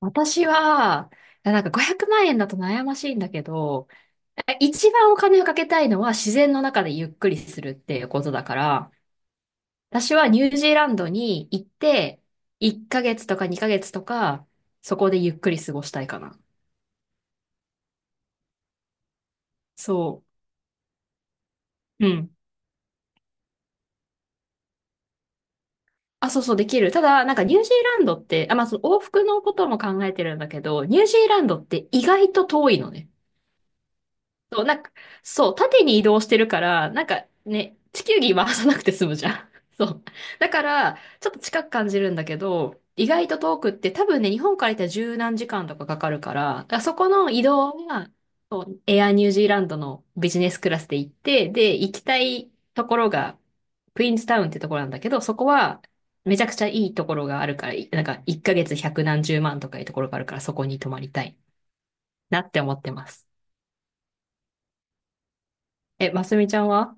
私は、500万円だと悩ましいんだけど、一番お金をかけたいのは自然の中でゆっくりするっていうことだから、私はニュージーランドに行って、1ヶ月とか2ヶ月とか、そこでゆっくり過ごしたいかな。そう。うん。あ、そうそう、できる。ただ、ニュージーランドって、まあその往復のことも考えてるんだけど、ニュージーランドって意外と遠いのね。そう、縦に移動してるから、なんかね、地球儀回さなくて済むじゃん。そう。だから、ちょっと近く感じるんだけど、意外と遠くって多分ね、日本から行ったら十何時間とかかかるから、だからそこの移動は、そうエアニュージーランドのビジネスクラスで行って、で、行きたいところが、クイーンズタウンってところなんだけど、そこは、めちゃくちゃいいところがあるから、なんか、1ヶ月百何十万とかいうところがあるから、そこに泊まりたいなって思ってます。え、ますみちゃんは？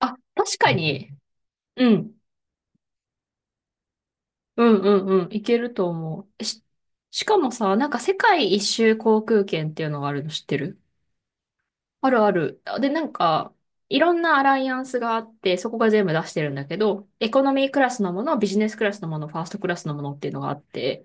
あ、確かに。うん。うんうんうん。いけると思う。しかもさ、なんか世界一周航空券っていうのがあるの知ってる？あるある。で、なんか、いろんなアライアンスがあって、そこが全部出してるんだけど、エコノミークラスのもの、ビジネスクラスのもの、ファーストクラスのものっていうのがあって、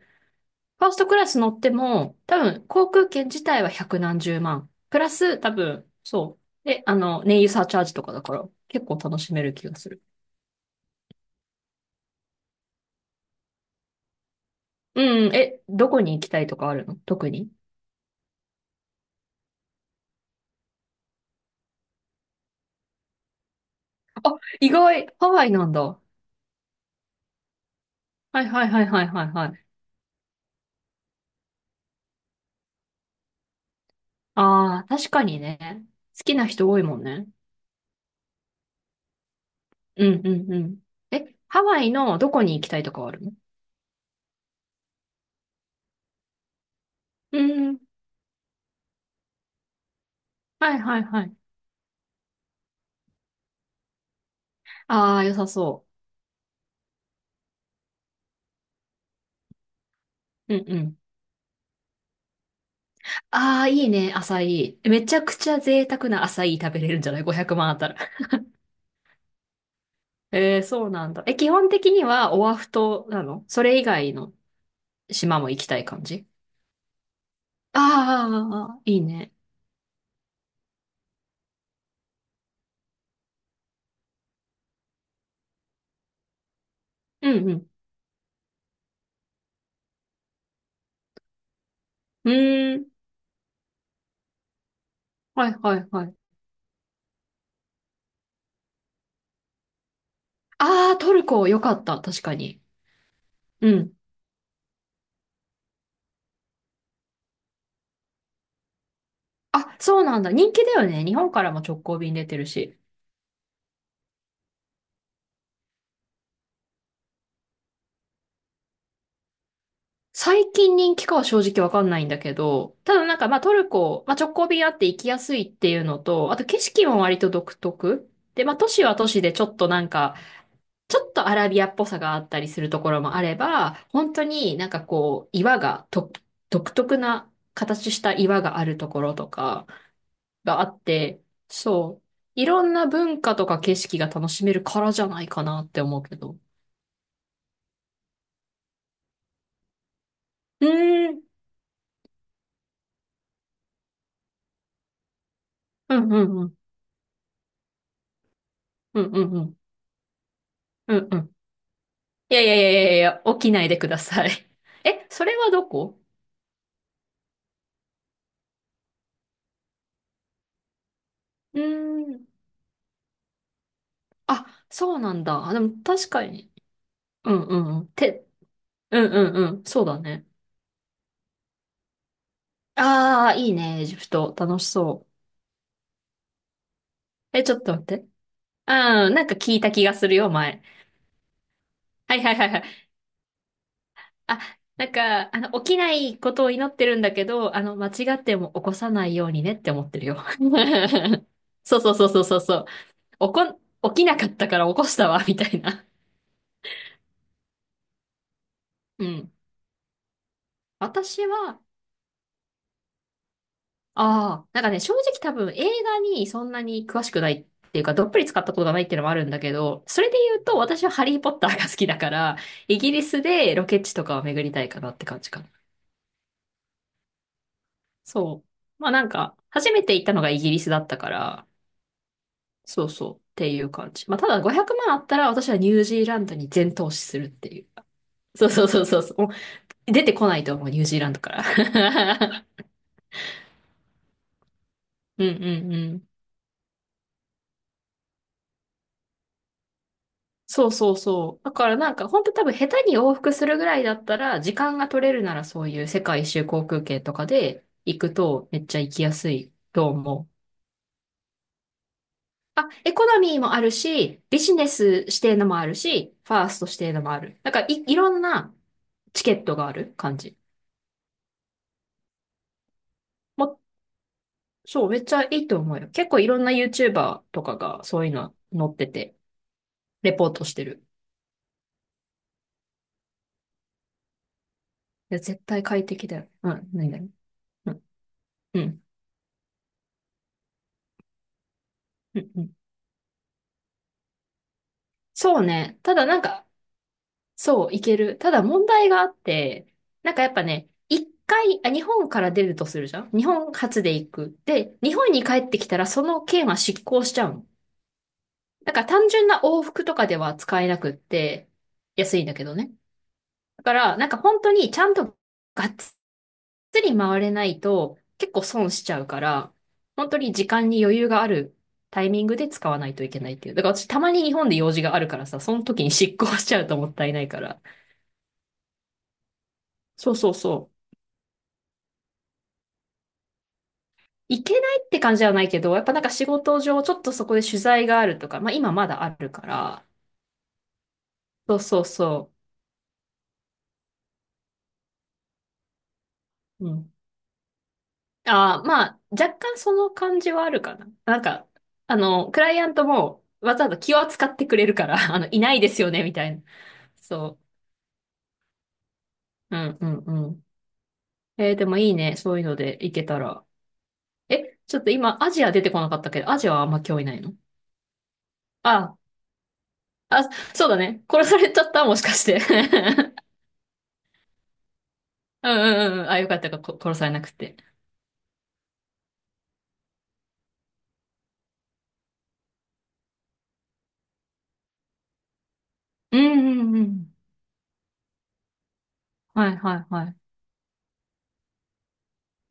ファーストクラス乗っても、多分、航空券自体は百何十万。プラス、多分、そう。で、あの、燃油サーチャージとかだから、結構楽しめる気がする。うん、え、どこに行きたいとかあるの特に？意外、ハワイなんだ。はいはいはいはいはいはい。ああ、確かにね。好きな人多いもんね。うんうんうん。え、ハワイのどこに行きたいとかはあるの？うん。はいはいはい。ああ、良さそう。うんうん。ああ、いいね、アサイー。めちゃくちゃ贅沢なアサイー食べれるんじゃない？ 500 万あったら。えー、そうなんだ。え、基本的にはオアフ島なの？それ以外の島も行きたい感じ？ああ、いいね。うんうん。うーん。はいはいはい。ああ、トルコ良かった。確かに。うん。あ、そうなんだ。人気だよね。日本からも直行便出てるし。最近人気かは正直わかんないんだけど、ただまあトルコ、まあ直行便あって行きやすいっていうのと、あと景色も割と独特。で、まあ都市は都市でちょっとなんか、ちょっとアラビアっぽさがあったりするところもあれば、本当になんかこう、岩がと、独特な形した岩があるところとか、があって、そう。いろんな文化とか景色が楽しめるからじゃないかなって思うけど。うーん。うんうんうん。うんうんうん。うんうん。いやいやいやいやいや、起きないでください。え、それはどこ？うーん。あ、そうなんだ。あでも確かに。うんうんうん。て、うんうんうん。そうだね。ああ、いいね、エジプト。楽しそう。え、ちょっと待って。うん、なんか聞いた気がするよ、前。はいはいはいはい。あ、なんか、あの、起きないことを祈ってるんだけど、あの、間違っても起こさないようにねって思ってるよ。そうそうそうそうそうそう。起こ、起きなかったから起こしたわ、みたいな。うん。私は、ああ、なんかね、正直多分映画にそんなに詳しくないっていうか、どっぷり使ったことがないっていうのもあるんだけど、それで言うと私はハリーポッターが好きだから、イギリスでロケ地とかを巡りたいかなって感じかな。そう。まあなんか、初めて行ったのがイギリスだったから、そうそう。っていう感じ。まあ、ただ500万あったら私はニュージーランドに全投資するっていう。そうそうそうそうそう。もう出てこないと思う、ニュージーランドから。うんうんうん。そうそうそう。だからなんか本当多分下手に往復するぐらいだったら、時間が取れるならそういう世界一周航空券とかで行くとめっちゃ行きやすいと思う。あ、エコノミーもあるし、ビジネス指定のもあるし、ファースト指定のもある。いろんなチケットがある感じ。もそう、めっちゃいいと思うよ。結構いろんな YouTuber とかがそういうの載ってて、レポートしてる。いや、絶対快適だよ。うん、何々。うん、うん、うん。うんそうね。ただなんか、そう、いける。ただ問題があって、なんかやっぱね、一回、あ、日本から出るとするじゃん。日本初で行く。で、日本に帰ってきたらその券は失効しちゃうの。だから単純な往復とかでは使えなくって、安いんだけどね。だから、なんか本当にちゃんとがっっつり回れないと結構損しちゃうから、本当に時間に余裕があるタイミングで使わないといけないっていう。だから私たまに日本で用事があるからさ、その時に執行しちゃうともったいないから。そうそうそう。いけないって感じじゃないけど、やっぱなんか仕事上ちょっとそこで取材があるとか、まあ今まだあるから、そうそうそう。うん。ああ、まあ若干その感じはあるかな。なんか、あの、クライアントもわざわざ気を扱ってくれるから、あの、いないですよね、みたいな。そう。うんうんうん。えー、でもいいね。そういうので行けたら。え、ちょっと今、アジア出てこなかったけど、アジアはあんま興味ないの？あ、あ、そうだね。殺されちゃったもしかして。うんうんうん。あ、よかったか、こ殺されなくて。うんうんうん。はいはいはい。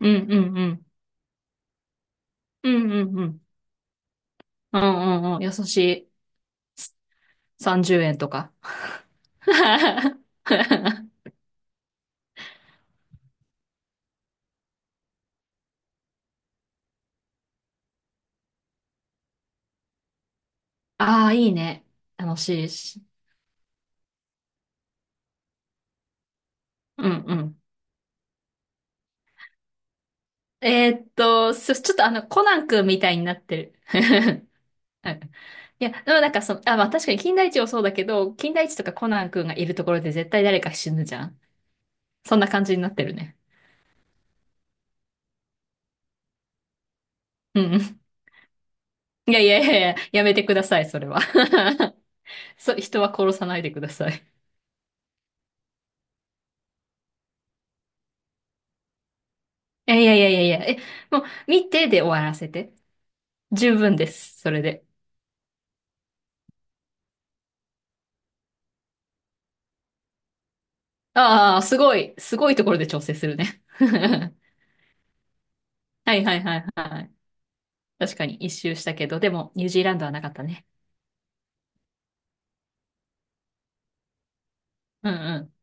うんうんうん。うんうんうん。うんうんうん。優しい。30円とか。ああ、いいね。楽しいし。うんうん。えーっと、そちょっとあの、コナン君みたいになってる。はい。いや、でもなんかその、あ、まあ確かに金田一もそうだけど、金田一とかコナン君がいるところで絶対誰か死ぬじゃん。そんな感じになってるね。うんうん。いやいやいやいや、やめてください、それは。そう、人は殺さないでください。いやいやいやいやいや、え、もう、見てで終わらせて。十分です、それで。ああ、すごい、すごいところで調整するね。はいはいはいはい。確かに一周したけど、でも、ニュージーランドはなかったね。うんうん。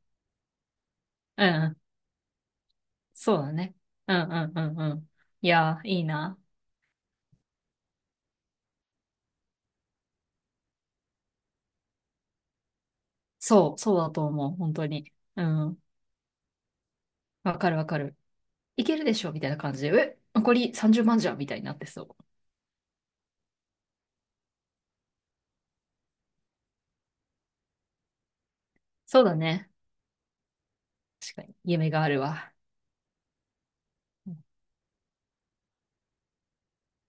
うんうん。そうだね。うんうんうんうん。いやー、いいな。そう、そうだと思う、本当に。うん。わかるわかる。いけるでしょみたいな感じで、え、残り30万じゅうまんじゃんみたいになってそう。そうだね。確かに。夢があるわ。